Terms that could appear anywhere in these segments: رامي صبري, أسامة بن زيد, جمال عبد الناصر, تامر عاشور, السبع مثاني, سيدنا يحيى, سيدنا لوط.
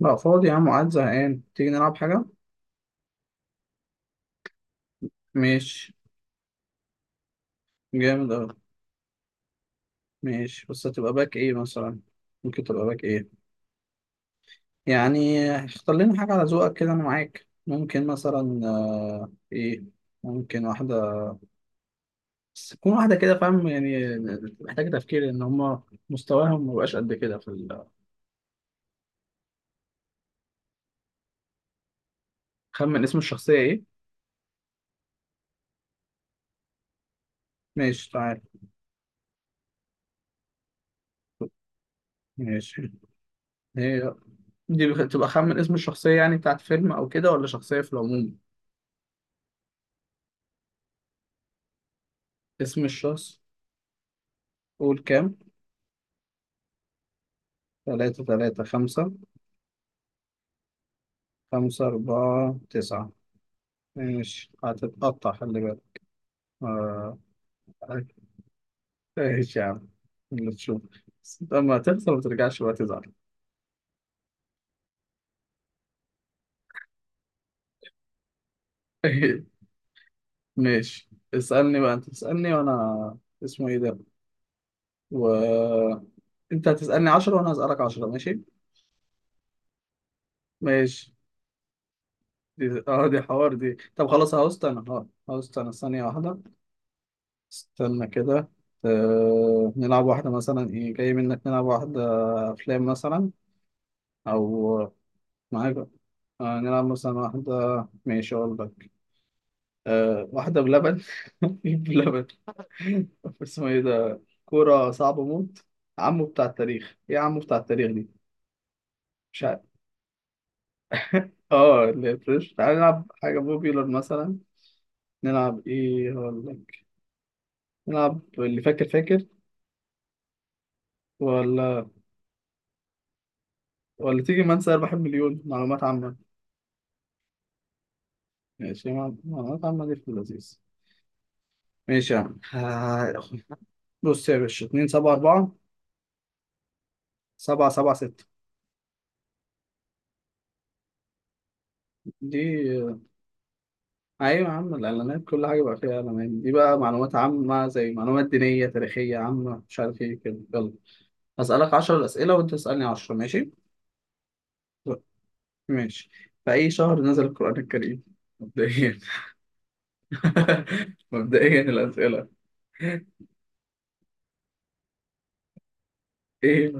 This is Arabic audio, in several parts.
لا، فاضي يا عم، قاعد زهقان، تيجي نلعب حاجة؟ ماشي. جامد أوي. ماشي، بس هتبقى باك إيه مثلا؟ ممكن تبقى باك إيه؟ يعني اختار لنا حاجة على ذوقك كده، أنا معاك، ممكن مثلا إيه؟ ممكن واحدة. بس تكون واحدة كده، فاهم يعني. محتاجة تفكير، إن هما مستواهم مبقاش قد كده في ال خمن اسم الشخصية إيه؟ ماشي، تعال. ماشي. هي، دي تبقى خمن اسم الشخصية، يعني بتاعت فيلم أو كده، ولا شخصية في العموم؟ اسم الشخص. قول كام؟ تلاتة تلاتة خمسة. خمسة أربعة تسعة. ماشي، هتتقطع خلي بالك. آه، ماشي يا عم. اللي تشوف. بس أنت لما تخسر ما ترجعش بقى تزعل. ماشي. اسألني بقى، أنت تسألني وأنا اسمه إيه ده، و أنت هتسألني 10 وأنا هسألك 10 ماشي. ماشي. دي... دي حوار دي، طب خلاص، هوست أنا هوست أنا ثانية واحدة. استنى كده. نلعب واحدة مثلا، إيه جاي منك، نلعب واحدة. أفلام مثلا. او معاك. نلعب مثلا واحده. ماشي، اقول لك. واحده بلبن. بلبن. اسمه ايه ده، كوره صعبه موت. عمو بتاع التاريخ ايه، عمو بتاع التاريخ دي. مش عارف. اه اللي هي فريش، تعالى نلعب حاجه بوبيلر مثلا. نلعب ايه، اقول لك. نلعب اللي فاكر فاكر. ولا ولا تيجي من سير، بحب مليون معلومات عامه. ماشي معلومات عامه دي في اللذيذ. ماشي يا عم. بص يا باشا، 2 7 4 7 7. دي ايوه يا عم، الاعلانات كل حاجه بقى فيها اعلانات. دي بقى معلومات عامه، زي معلومات دينيه تاريخيه عامه، مش عارف ايه كده، يلا. هسالك 10 اسئله وانت تسالني 10، ماشي. ماشي. في اي شهر نزل القران الكريم؟ مبدئيا. مبدئيا الاسئله. ايه.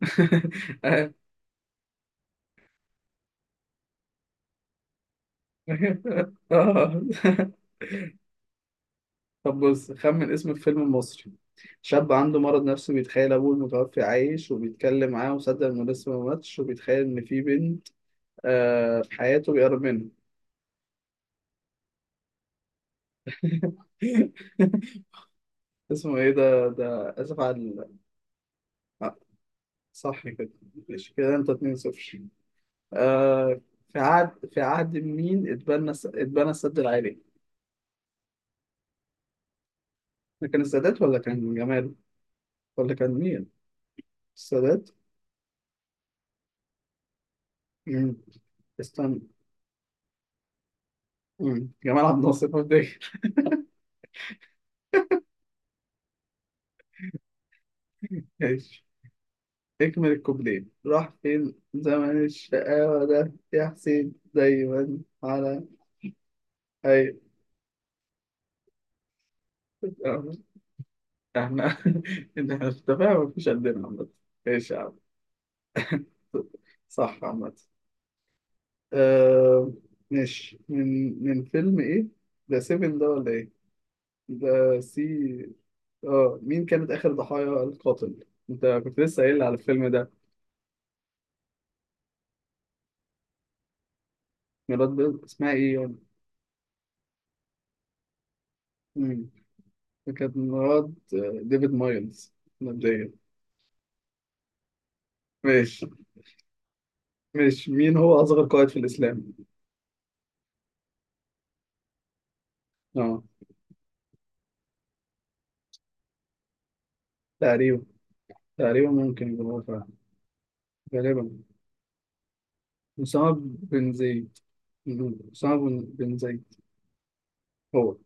آه. طب بص، خمن اسم الفيلم المصري. شاب عنده مرض نفسي، بيتخيل ابوه المتوفي عايش وبيتكلم معاه، وصدق انه لسه ما ماتش، وبيتخيل ان في بنت في حياته بيقرب منه. اسمه ايه ده اسف على ال... آه. صح كده. ماشي كده انت 2 0. آه. في عهد مين اتبنى السد العالي؟ ده كان السادات ولا كان جمال، ولا كان مين؟ السادات. مم. استنى. مم. جمال عبد الناصر فاكر. ماشي. اكمل الكوبليه، راح فين زمن الشقاوة ده يا حسين دايما على. هاي. احنا احنا في تفاهم مفيش قدنا عامة. ماشي يا عم. صح عامة. آه... ماشي، من فيلم ايه؟ ده سيفن ده ولا ايه؟ ده سي. اه، مين كانت آخر ضحايا القاتل؟ انت كنت لسه قايل على الفيلم ده. مراد بيض، اسمها ايه يعني؟ مم. كانت مراد ديفيد مايلز. مبدئيا. ماشي. ماشي، مين هو أصغر قائد في الإسلام؟ اه. تقريبا. تقريبا ممكن يكون هو فعلا. غالبا. أسامة بن زيد. أسامة بن زيد. هو.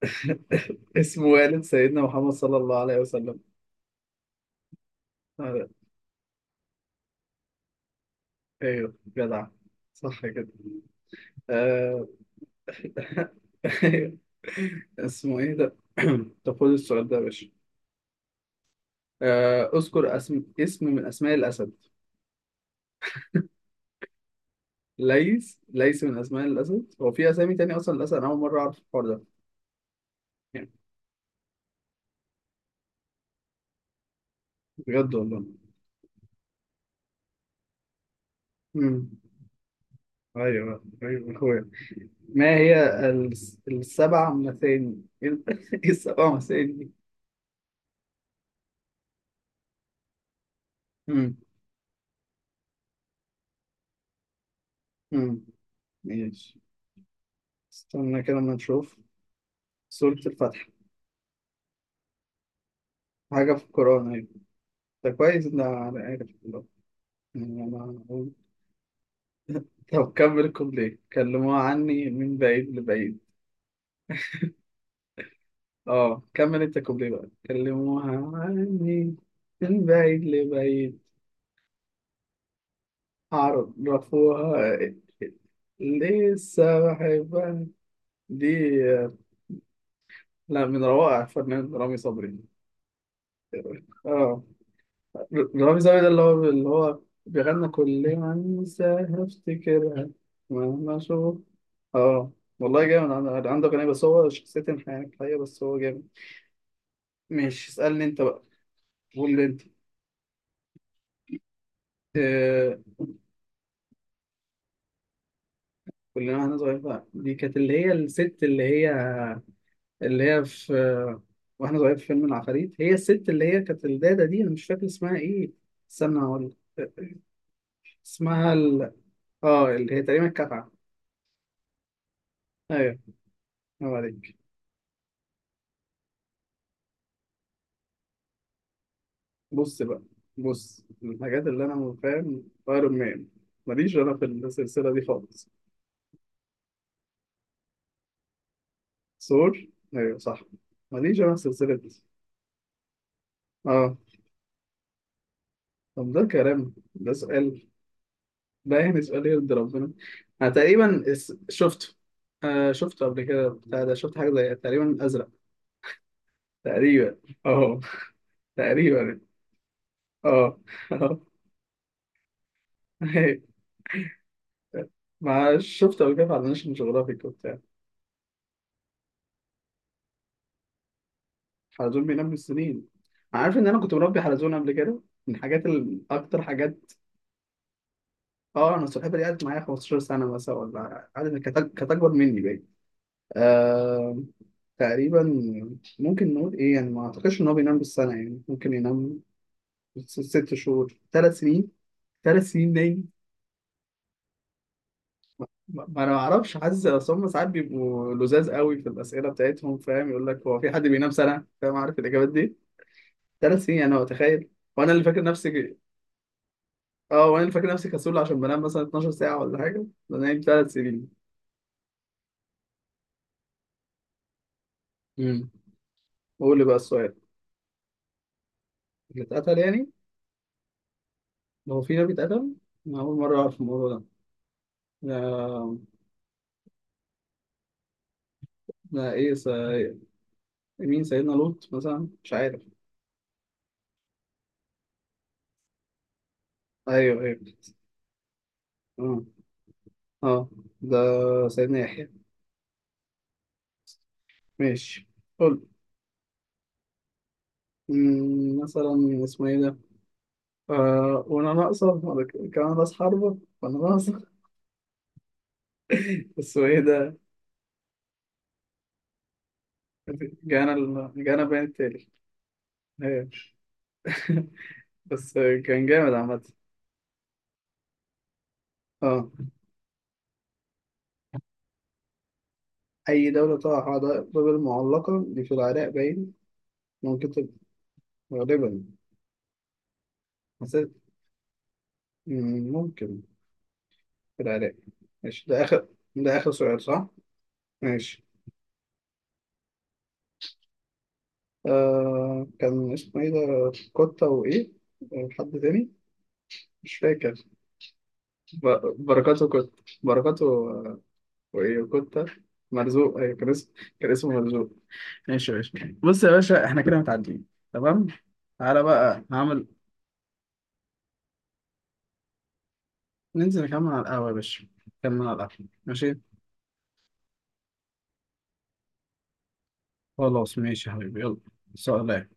اسمه والد سيدنا محمد صلى الله عليه وسلم. آه. أيوه جدع. صح كده. آه. أيوه. اسمه إيه ده؟ طب خد السؤال ده يا باشا. اذكر اسم من اسماء الاسد. ليس من اسماء الاسد، هو في اسامي تاني اصلا الاسد، انا اول مره اعرف الحوار ده. يعني بجد والله. امم. ايوه ايوه اخويا. ما هي السبع مثاني. ايه، السبع مثاني دي. مم. ماشي. استنى كده ما نشوف. سورة الفتح. حاجة في القرآن أيوة. ده كويس إن أنا عارف، والله. يعني أنا طب كمل الكوبليه، كلموها عني من بعيد لبعيد. كمل أنت الكوبليه بقى، كلموها عني من بعيد لبعيد. عرفوها. لسه بحبها، دي. لا، من روائع الفنان رامي صبري. أه. رامي زاوية ده، اللي هو بيغنى كل ما انساها افتكرها، مهما اشوف. اه والله. جامد، عنده أغنية بس، هو شخصيته انحناء حقيقة، بس هو جامد. ماشي اسألني انت بقى. قول لي انت. آه، كلنا واحنا صغيرين بقى، دي كانت اللي هي الست اللي هي، اللي هي في واحنا صغيرين في فيلم العفاريت، هي الست اللي هي كانت الدادة دي، انا مش فاكر اسمها ايه. استنى هقول لك. اسمها ال... اه اللي هي تقريبا الكافعة. ايوه. هو دي. بص بقى. بص، من الحاجات اللي انا فاهم ايرون مان، ماليش انا في السلسله دي خالص. ثور. ايوه صح. ماليش انا في السلسله دي. اه. طب ده كلام، ده سؤال؟ ده يعني سؤال يرضي ربنا؟ انا تقريبا شفته. شفته قبل كده، بتاع ده، شفت حاجه زي تقريبا ازرق. تقريبا. اه. تقريبا. اه. اه. مع شفته قبل كده على ناشونال جيوغرافيك. حلزون بينام بالسنين؟ عارف ان انا كنت مربي حلزون قبل كده، من الحاجات اكتر حاجات. اه، انا السلحفاه دي قعدت معايا 15 سنه مثلا، ولا قعدت كانت اكبر مني بقى. آه... تقريبا. ممكن نقول ايه، يعني ما اعتقدش ان هو بينام بالسنه، يعني ممكن ينام 6 شهور، 3 سنين. 3 سنين نايم. ما انا ما اعرفش، حاسس اصل هم ساعات بيبقوا لزاز قوي في الاسئله بتاعتهم، فاهم، يقول لك هو في حد بينام سنه، فاهم، عارف الاجابات دي. ثلاث سنين يعني، هو تخيل وانا اللي فاكر نفسي، اه وانا فاكر نفسي كسول عشان بنام مثلا 12 ساعة ولا حاجة، بنام 3 سنين. امم. قول لي بقى السؤال. اللي اتقتل يعني. هو في نبي اتقتل؟ أنا أول مرة أعرف الموضوع ده. لا. لا إيه مين، سيدنا لوط مثلا، مش عارف. أيوه أيوه. أه أه. ده سيدنا يحيى. ماشي. قول. مثلا اسمه إيه ده، وأنا ناقصة ولا كمان راس حربة وأنا ناقصة. بس هو إيه ده؟ جانا بين التالي. أيوه. بس كان جامد عامة. اه أي دولة تقع حدائق المعلقة دي، في العراق باين. ممكن تبقى. غالبا. بس- ممكن في العراق. ماشي، ده آخر. ده آخر سؤال، صح؟ ماشي. كان اسمه إيه ده، كوتا وإيه؟ حد تاني؟ مش فاكر. بركاته، كوتا بركاته. آه. وإيه كوتا؟ مرزوق، أيوة كان اسمه، كان اسمه مرزوق. ماشي يا باشا، بص يا باشا إحنا كده متعدين، تمام؟ تعالى بقى هعمل. ننزل نكمل على القهوة يا باشا. نكمل على القهوة، ماشي. خلاص ماشي يا حبيبي، يلا. سلام.